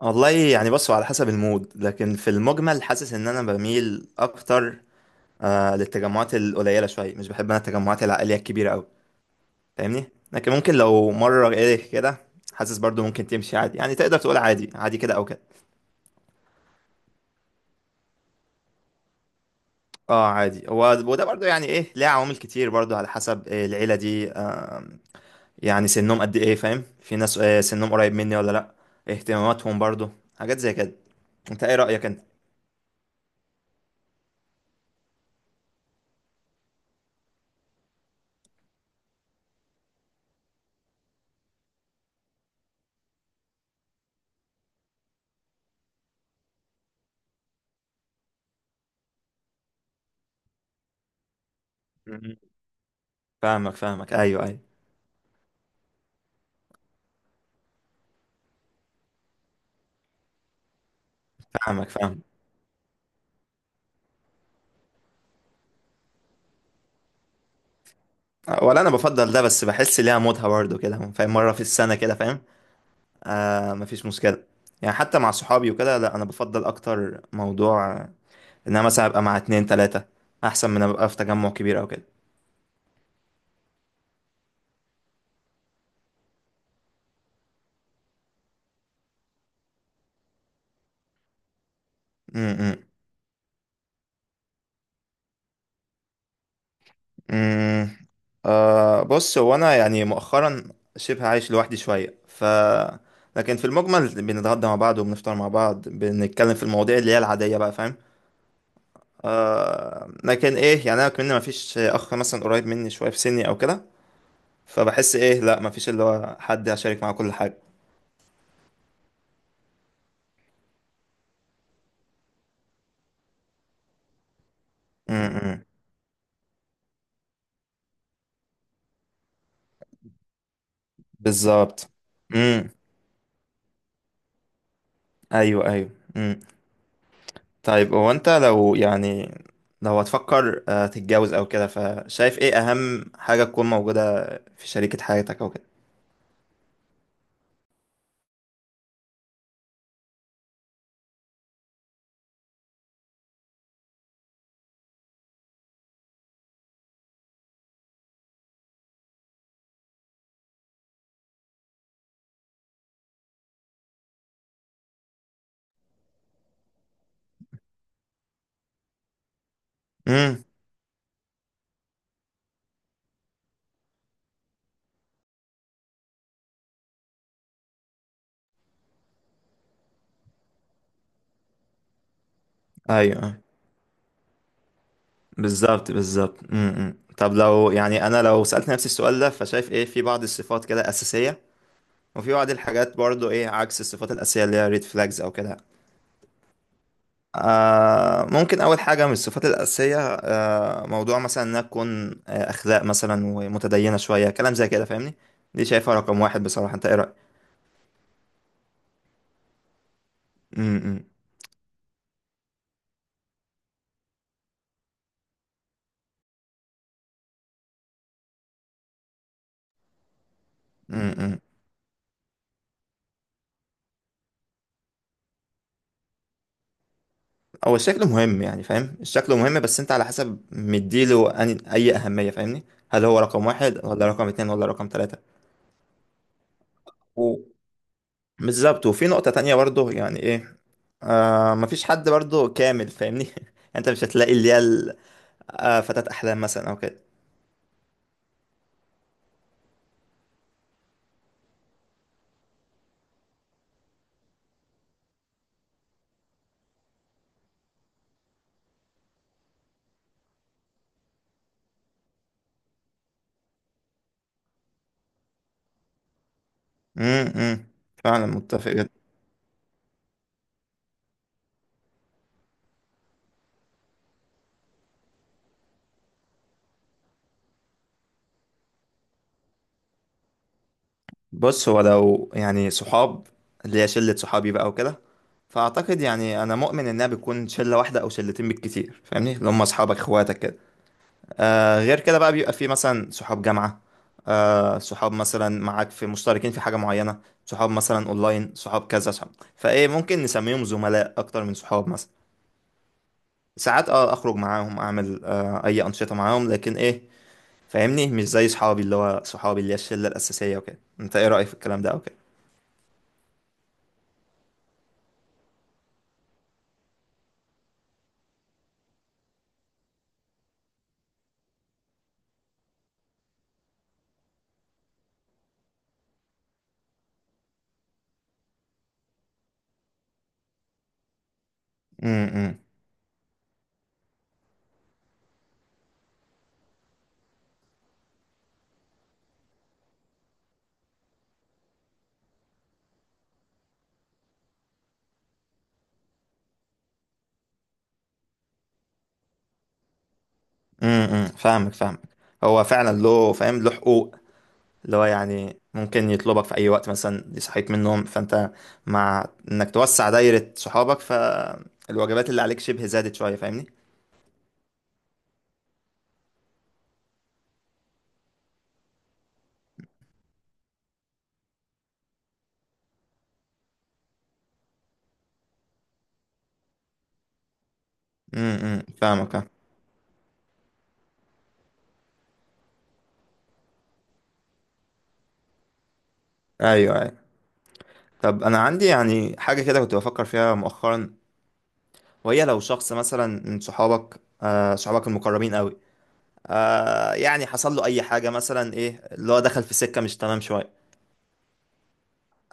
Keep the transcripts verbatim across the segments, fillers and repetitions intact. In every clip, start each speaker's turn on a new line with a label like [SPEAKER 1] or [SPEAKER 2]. [SPEAKER 1] والله يعني بصوا على حسب المود، لكن في المجمل حاسس ان انا بميل اكتر آه للتجمعات القليله شويه. مش بحب انا التجمعات العائليه الكبيره قوي، فاهمني. لكن ممكن لو مره ايه كده، حاسس برضو ممكن تمشي عادي، يعني تقدر تقول عادي عادي كده او كده. اه عادي، هو وده برضو يعني ايه، ليه عوامل كتير برضو على حسب إيه العيله دي، آه يعني سنهم قد ايه، فاهم؟ في ناس آه سنهم قريب مني ولا لا. اهتماماتهم برضو، حاجات زي كده. انت ايه رايك انت؟ مم. فاهمك فاهمك، ايوه ايوه. فاهمك فاهمك. ولا انا بفضل ده، بس بحس ليها مودها برضه كده، فاهم؟ مره في السنه كده، فاهم؟ آه مفيش مشكله. يعني حتى مع صحابي وكده لا، انا بفضل اكتر موضوع آه، ان انا مثلا ابقى مع اتنين تلاته، احسن من ابقى في تجمع كبير او كده. امم. امم. آه بص، هو انا يعني مؤخرا شبه عايش لوحدي شويه، ف لكن في المجمل بنتغدى مع بعض وبنفطر مع بعض، بنتكلم في المواضيع اللي هي العاديه بقى، فاهم؟ آه لكن ايه، يعني انا كمان مفيش اخ مثلا قريب مني شويه في سني او كده، فبحس ايه لا، مفيش اللي هو حد هشارك معاه كل حاجة. امم. بالظبط. امم. ايوه ايوه. امم. طيب هو انت لو يعني، لو هتفكر آه، تتجوز او كده، فشايف ايه اهم حاجة تكون موجودة في شريكة حياتك او كده؟ امم. ايوه أيوة. بالظبط بالظبط. امم. إمم. طب لو يعني، انا لو سألت نفسي السؤال ده، فشايف ايه في بعض الصفات كده أساسية، وفي بعض الحاجات برضو ايه عكس الصفات الأساسية اللي هي ريد فلاجز او كده. آه ممكن أول حاجة من الصفات الأساسية، آه موضوع مثلا إنها تكون آه أخلاق مثلا ومتدينة شوية، كلام زي كده، فاهمني؟ دي شايفها رقم واحد بصراحة. أنت إيه رأيك؟ أمم، أمم، أمم. هو الشكل مهم، يعني فاهم، الشكل مهم، بس أنت على حسب مديله أني- أي أهمية، فاهمني؟ هل هو رقم واحد ولا رقم اتنين ولا رقم تلاتة؟ و- بالظبط. وفي نقطة تانية برضه يعني إيه، آه مفيش حد برضه كامل، فاهمني؟ أنت مش هتلاقي اللي هي ال- آه فتاة أحلام مثلا أو كده. امم امم. فعلا متفق جدا. بص، هو لو يعني صحاب، اللي هي شلة صحابي بقى وكده، فأعتقد يعني أنا مؤمن إنها بتكون شلة واحدة أو شلتين بالكتير، فاهمني؟ اللي هم أصحابك إخواتك كده. آه غير كده بقى، بيبقى في مثلا صحاب جامعة، آه صحاب مثلا معاك، في مشتركين في حاجة معينة، صحاب مثلا أونلاين، صحاب كذا صحاب، فإيه ممكن نسميهم زملاء أكتر من صحاب مثلا. ساعات أه أخرج معاهم، أعمل آه أي أنشطة معاهم، لكن إيه، فاهمني؟ مش زي صحابي، اللي هو صحابي اللي هي الشله الاساسيه وكده. انت ايه رايك في الكلام ده او كده؟ امم امم. فاهمك فاهمك. هو فعلا له، فاهم؟ له حقوق، اللي هو يعني ممكن يطلبك في اي وقت مثلا، دي صحيت من النوم فانت. مع انك توسع دايره صحابك، فالواجبات اللي عليك شبه زادت شويه، فاهمني؟ امم فاهمك فاهم. ايوه ايوه. طب انا عندي يعني حاجه كده كنت بفكر فيها مؤخرا، وهي لو شخص مثلا من صحابك، آه صحابك المقربين قوي، آه يعني حصل له اي حاجه مثلا، ايه اللي هو دخل في سكه مش تمام شويه،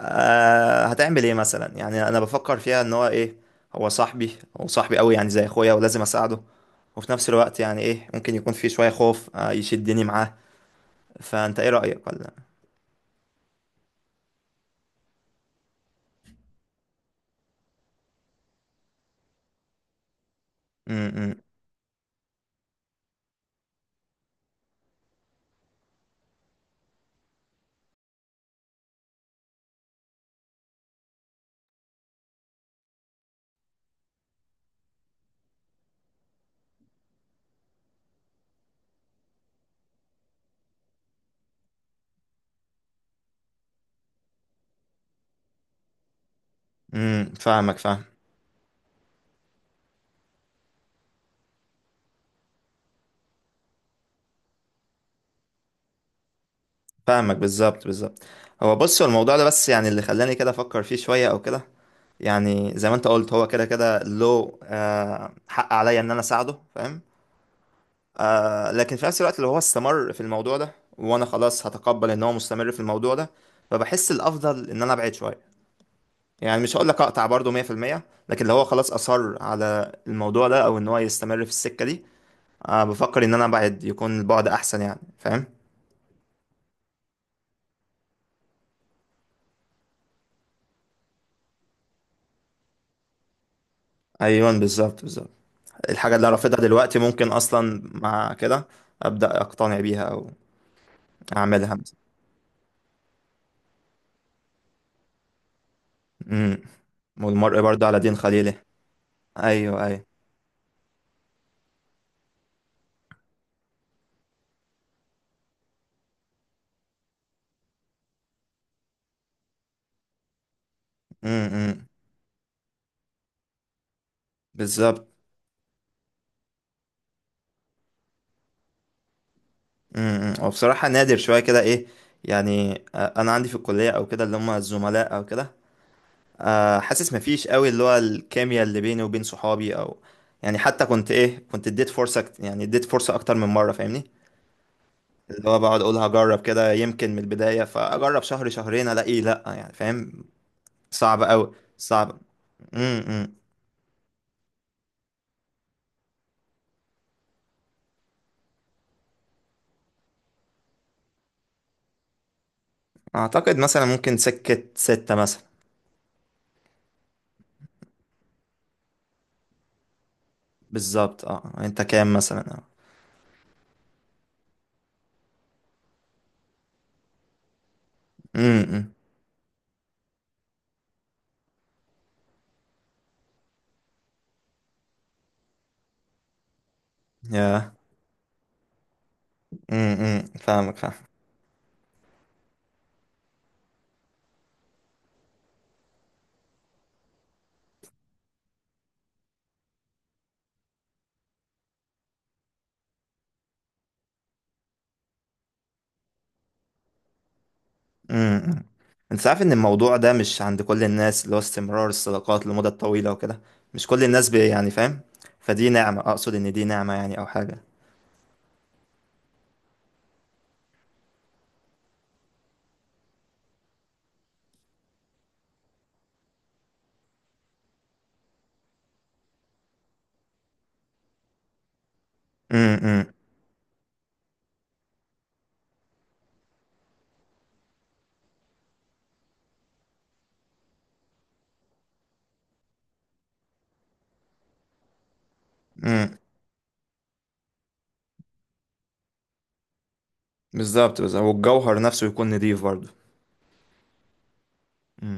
[SPEAKER 1] آه هتعمل ايه مثلا؟ يعني انا بفكر فيها، ان هو ايه، هو صاحبي، هو صاحبي قوي، يعني زي اخويا، ولازم اساعده، وفي نفس الوقت يعني ايه، ممكن يكون في شويه خوف آه يشدني معاه، فانت ايه رايك ولا؟ امم امم. فاهمك فاهم. فاهمك بالظبط بالظبط. هو بص، هو الموضوع ده بس يعني اللي خلاني كده افكر فيه شويه او كده، يعني زي ما انت قلت، هو كده كده له آه حق عليا ان انا اساعده، فاهم؟ آه لكن في نفس الوقت، لو هو استمر في الموضوع ده وانا خلاص هتقبل ان هو مستمر في الموضوع ده، فبحس الافضل ان انا ابعد شويه، يعني مش هقول لك اقطع برضه مية في المية، لكن لو هو خلاص اصر على الموضوع ده او ان هو يستمر في السكه دي، آه بفكر ان انا ابعد، يكون البعد احسن، يعني فاهم؟ ايوه بالظبط بالظبط. الحاجه اللي أنا رافضها دلوقتي ممكن اصلا مع كده ابدا اقتنع بيها او اعملها مثلا. امم. والمرء برضه على دين خليله. ايوه ايوه. امم. بالظبط. امم. وبصراحة نادر شوية كده، ايه، يعني آه، انا عندي في الكلية او كده اللي هم الزملاء او كده، آه، حاسس مفيش قوي اللي هو الكيمياء اللي بيني وبين صحابي او، يعني حتى كنت ايه كنت اديت فرصة، كت- يعني اديت فرصة اكتر من مرة، فاهمني؟ اللي هو بقعد اقول هجرب كده يمكن من البداية، فاجرب شهر شهرين الاقيه لا، يعني فاهم؟ صعب قوي صعب. امم امم. اعتقد مثلا ممكن سكة ستة مثلا. بالظبط. اه انت كام مثلا اه امم. يا امم فاهمك فاهمك. امم. انت عارف ان الموضوع ده مش عند كل الناس، اللي هو استمرار الصداقات لمدة طويلة وكده، مش كل الناس بي يعني فاهم؟ فدي نعمة، اقصد ان دي نعمة يعني، او حاجة. امم امم. بالظبط بالظبط. والجوهر نفسه يكون نضيف برضه. امم.